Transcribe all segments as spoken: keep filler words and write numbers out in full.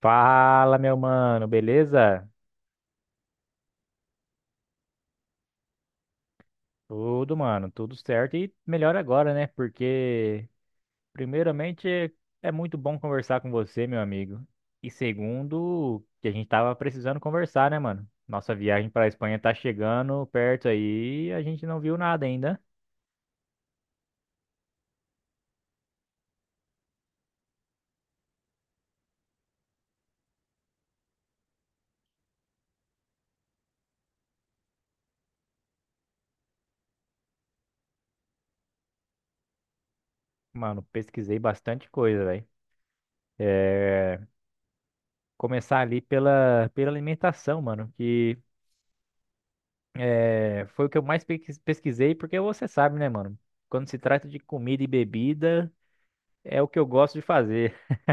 Fala, meu mano, beleza? Tudo, mano, tudo certo e melhor agora, né? Porque, primeiramente, é é muito bom conversar com você, meu amigo. E segundo, que a gente tava precisando conversar, né, mano? Nossa viagem pra Espanha tá chegando perto aí, e a gente não viu nada ainda. Mano, pesquisei bastante coisa, velho. É, Começar ali pela, pela alimentação, mano, que É, foi o que eu mais pequis- pesquisei, porque você sabe, né, mano? Quando se trata de comida e bebida, é o que eu gosto de fazer.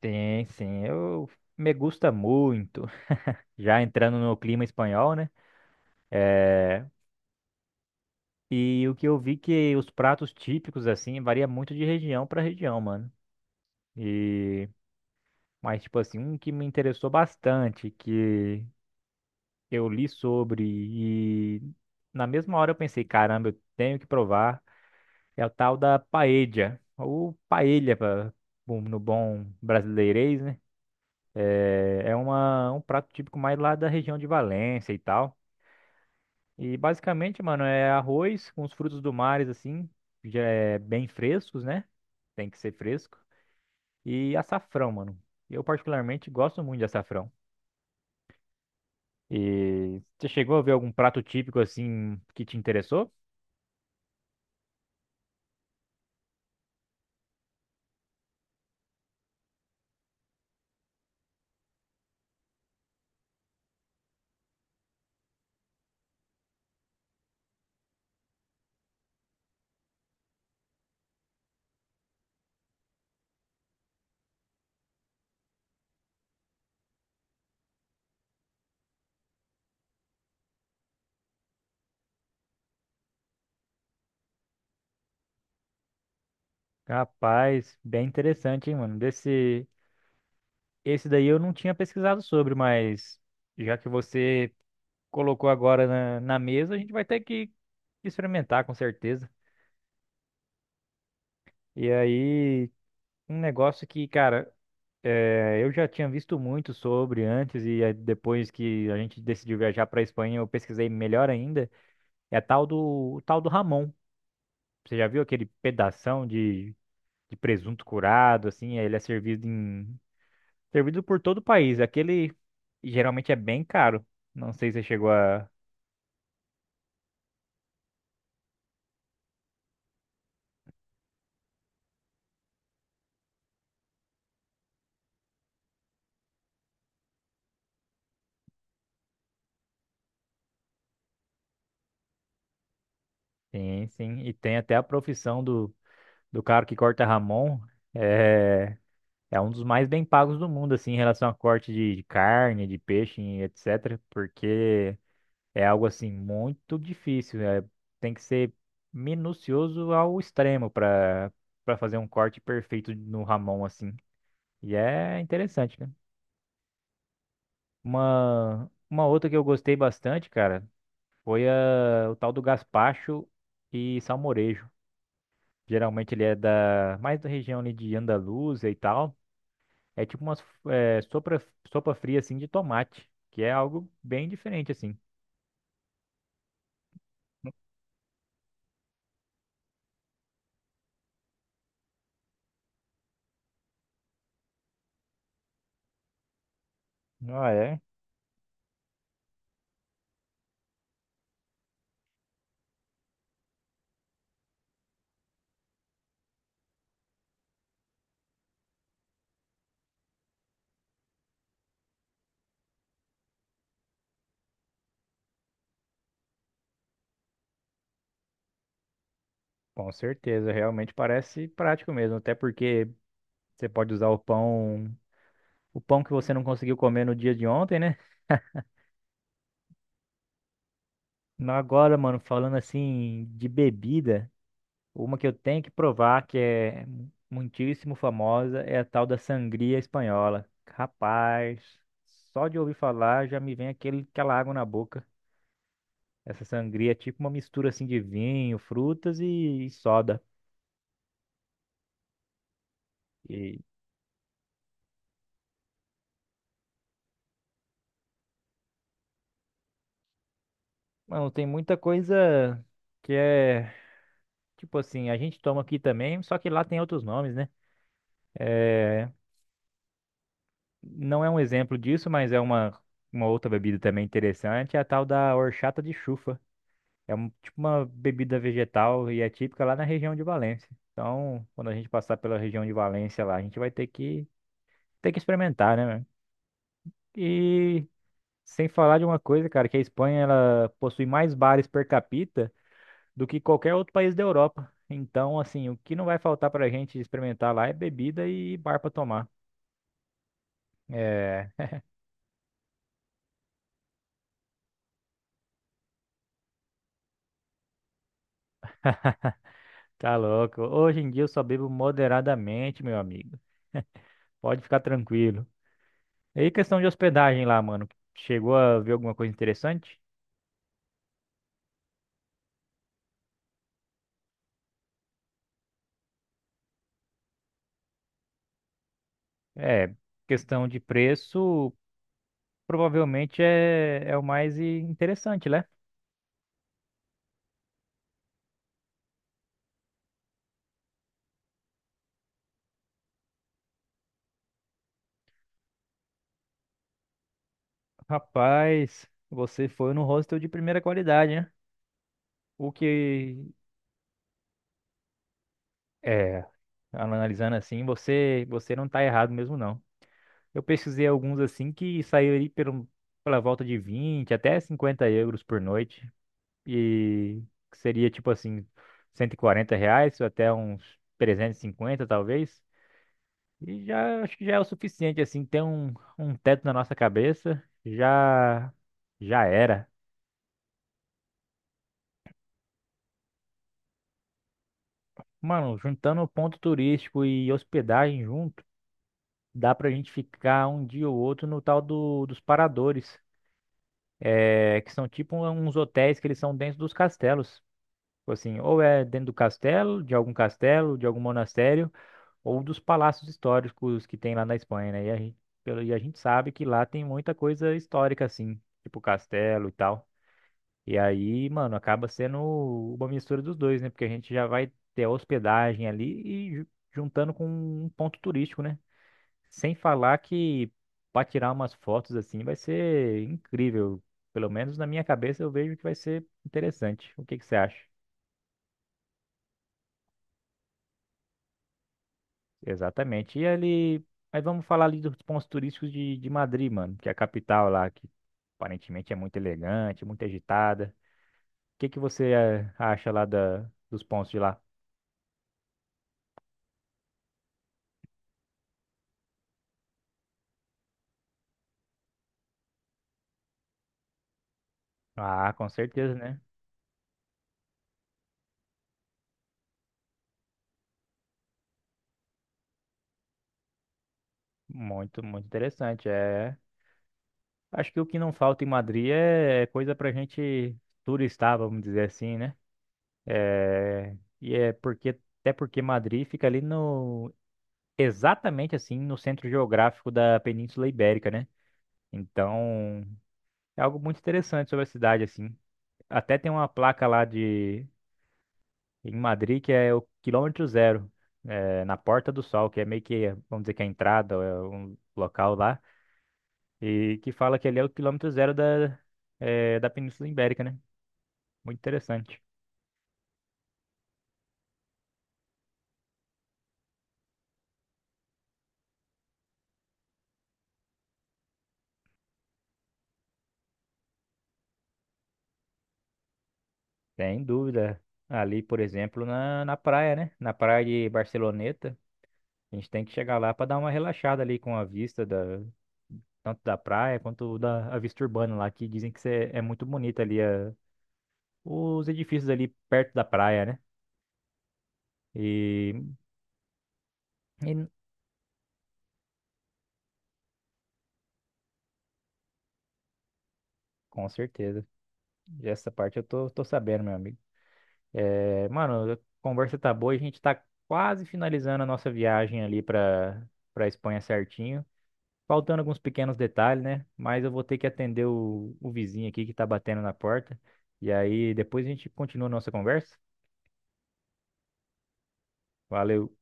Tem, sim, eu me gusta muito. Já entrando no clima espanhol, né? É, e o que eu vi que os pratos típicos, assim, varia muito de região para região, mano. E, mas, tipo assim, um que me interessou bastante, que eu li sobre e na mesma hora eu pensei, caramba, eu tenho que provar. É o tal da paella, ou paella pra, bom, no bom brasileirês, né? É, é uma, um prato típico mais lá da região de Valência e tal. E basicamente, mano, é arroz com os frutos do mar, assim, já é bem frescos, né? Tem que ser fresco. E açafrão, mano. Eu particularmente gosto muito de açafrão. E você chegou a ver algum prato típico assim que te interessou? Rapaz, bem interessante, hein, mano? Desse. Esse daí eu não tinha pesquisado sobre, mas já que você colocou agora na, na mesa, a gente vai ter que experimentar com certeza. E aí, um negócio que, cara, eh, eu já tinha visto muito sobre antes, e aí depois que a gente decidiu viajar pra Espanha, eu pesquisei melhor ainda, é a tal do, o tal do Ramon. Você já viu aquele pedação de, de presunto curado, assim, ele é servido em, servido por todo o país. Aquele geralmente é bem caro. Não sei se você chegou a. Sim, sim. E tem até a profissão do, do cara que corta Ramon. É, é um dos mais bem pagos do mundo, assim, em relação a corte de, de carne, de peixe, e et cetera. Porque é algo, assim, muito difícil. É, tem que ser minucioso ao extremo para para fazer um corte perfeito no Ramon, assim. E é interessante, né? Uma, uma outra que eu gostei bastante, cara, foi a, o tal do gaspacho e salmorejo. Geralmente ele é da mais da região ali de Andaluzia e tal. É tipo uma sopa, sopa fria assim de tomate, que é algo bem diferente assim. Ah, é? Com certeza, realmente parece prático mesmo, até porque você pode usar o pão, o pão que você não conseguiu comer no dia de ontem, né? Mas Agora, mano, falando assim de bebida, Uma que eu tenho que provar que é muitíssimo famosa é a tal da sangria espanhola. Rapaz, só de ouvir falar já me vem aquele, aquela água na boca. Essa sangria é tipo uma mistura assim de vinho, frutas e soda. E, mano, tem muita coisa que é tipo assim, a gente toma aqui também, só que lá tem outros nomes, né? É, não é um exemplo disso, mas é uma, uma outra bebida também interessante, é a tal da horchata de chufa. É um, tipo uma bebida vegetal e é típica lá na região de Valência. Então, quando a gente passar pela região de Valência lá, a gente vai ter que ter que experimentar, né, mano? E sem falar de uma coisa, cara, que a Espanha ela possui mais bares per capita do que qualquer outro país da Europa. Então, assim, o que não vai faltar pra gente experimentar lá é bebida e bar pra tomar. É, tá louco. Hoje em dia eu só bebo moderadamente, meu amigo. Pode ficar tranquilo. E aí, questão de hospedagem lá, mano. Chegou a ver alguma coisa interessante? É, questão de preço, provavelmente é, é o mais i- interessante, né? Rapaz, você foi no hostel de primeira qualidade, né? O que é, analisando assim, você você não tá errado mesmo não. Eu pesquisei alguns assim que saíram ali pelo, pela volta de vinte até cinquenta euros por noite e que seria tipo assim cento e quarenta reais até uns trezentos e cinquenta talvez. E já acho que já é o suficiente, assim, ter um, um teto na nossa cabeça, já já era. Mano, juntando o ponto turístico e hospedagem junto, dá pra gente ficar um dia ou outro no tal do, dos paradores, é, que são tipo um, uns hotéis que eles são dentro dos castelos. Tipo assim, ou é dentro do castelo, de algum castelo, de algum monastério, ou dos palácios históricos que tem lá na Espanha, né? E a gente, pelo- e a gente sabe que lá tem muita coisa histórica, assim, tipo castelo e tal. E aí, mano, acaba sendo uma mistura dos dois, né? Porque a gente já vai ter a hospedagem ali e ju- juntando com um ponto turístico, né? Sem falar que para tirar umas fotos assim vai ser incrível. Pelo menos na minha cabeça eu vejo que vai ser interessante. O que que você acha? Exatamente. E ali, mas vamos falar ali dos pontos turísticos de, de Madrid, mano, que é a capital lá, que aparentemente é muito elegante, muito agitada. O que que você eh, acha lá da, dos pontos de lá? Ah, com certeza, né? Muito, muito interessante. É, acho que o que não falta em Madrid é é coisa pra gente turistar, vamos dizer assim, né? É, e é porque Até porque Madrid fica ali no exatamente assim no centro geográfico da Península Ibérica, né? Então, é algo muito interessante sobre a cidade assim. Até tem uma placa lá de em Madrid que é o quilômetro zero, é, na Porta do Sol, que é meio que, vamos dizer que é a entrada, é um local lá e que fala que ali é o quilômetro zero da, eh, da Península Ibérica, né? Muito interessante. Sem dúvida. Ali, por exemplo, na, na praia, né? Na praia de Barceloneta, a gente tem que chegar lá para dar uma relaxada ali com a vista da, tanto da praia quanto da a vista urbana lá, que dizem que cê- é muito bonita ali a, os edifícios ali perto da praia, né? E, e com certeza. E essa parte eu tô, tô sabendo, meu amigo. É, mano, a conversa tá boa, e a gente tá quase finalizando a nossa viagem ali pra, pra Espanha certinho. Faltando alguns pequenos detalhes, né? Mas eu vou ter que atender o, o vizinho aqui que tá batendo na porta. E aí depois a gente continua a nossa conversa. Valeu.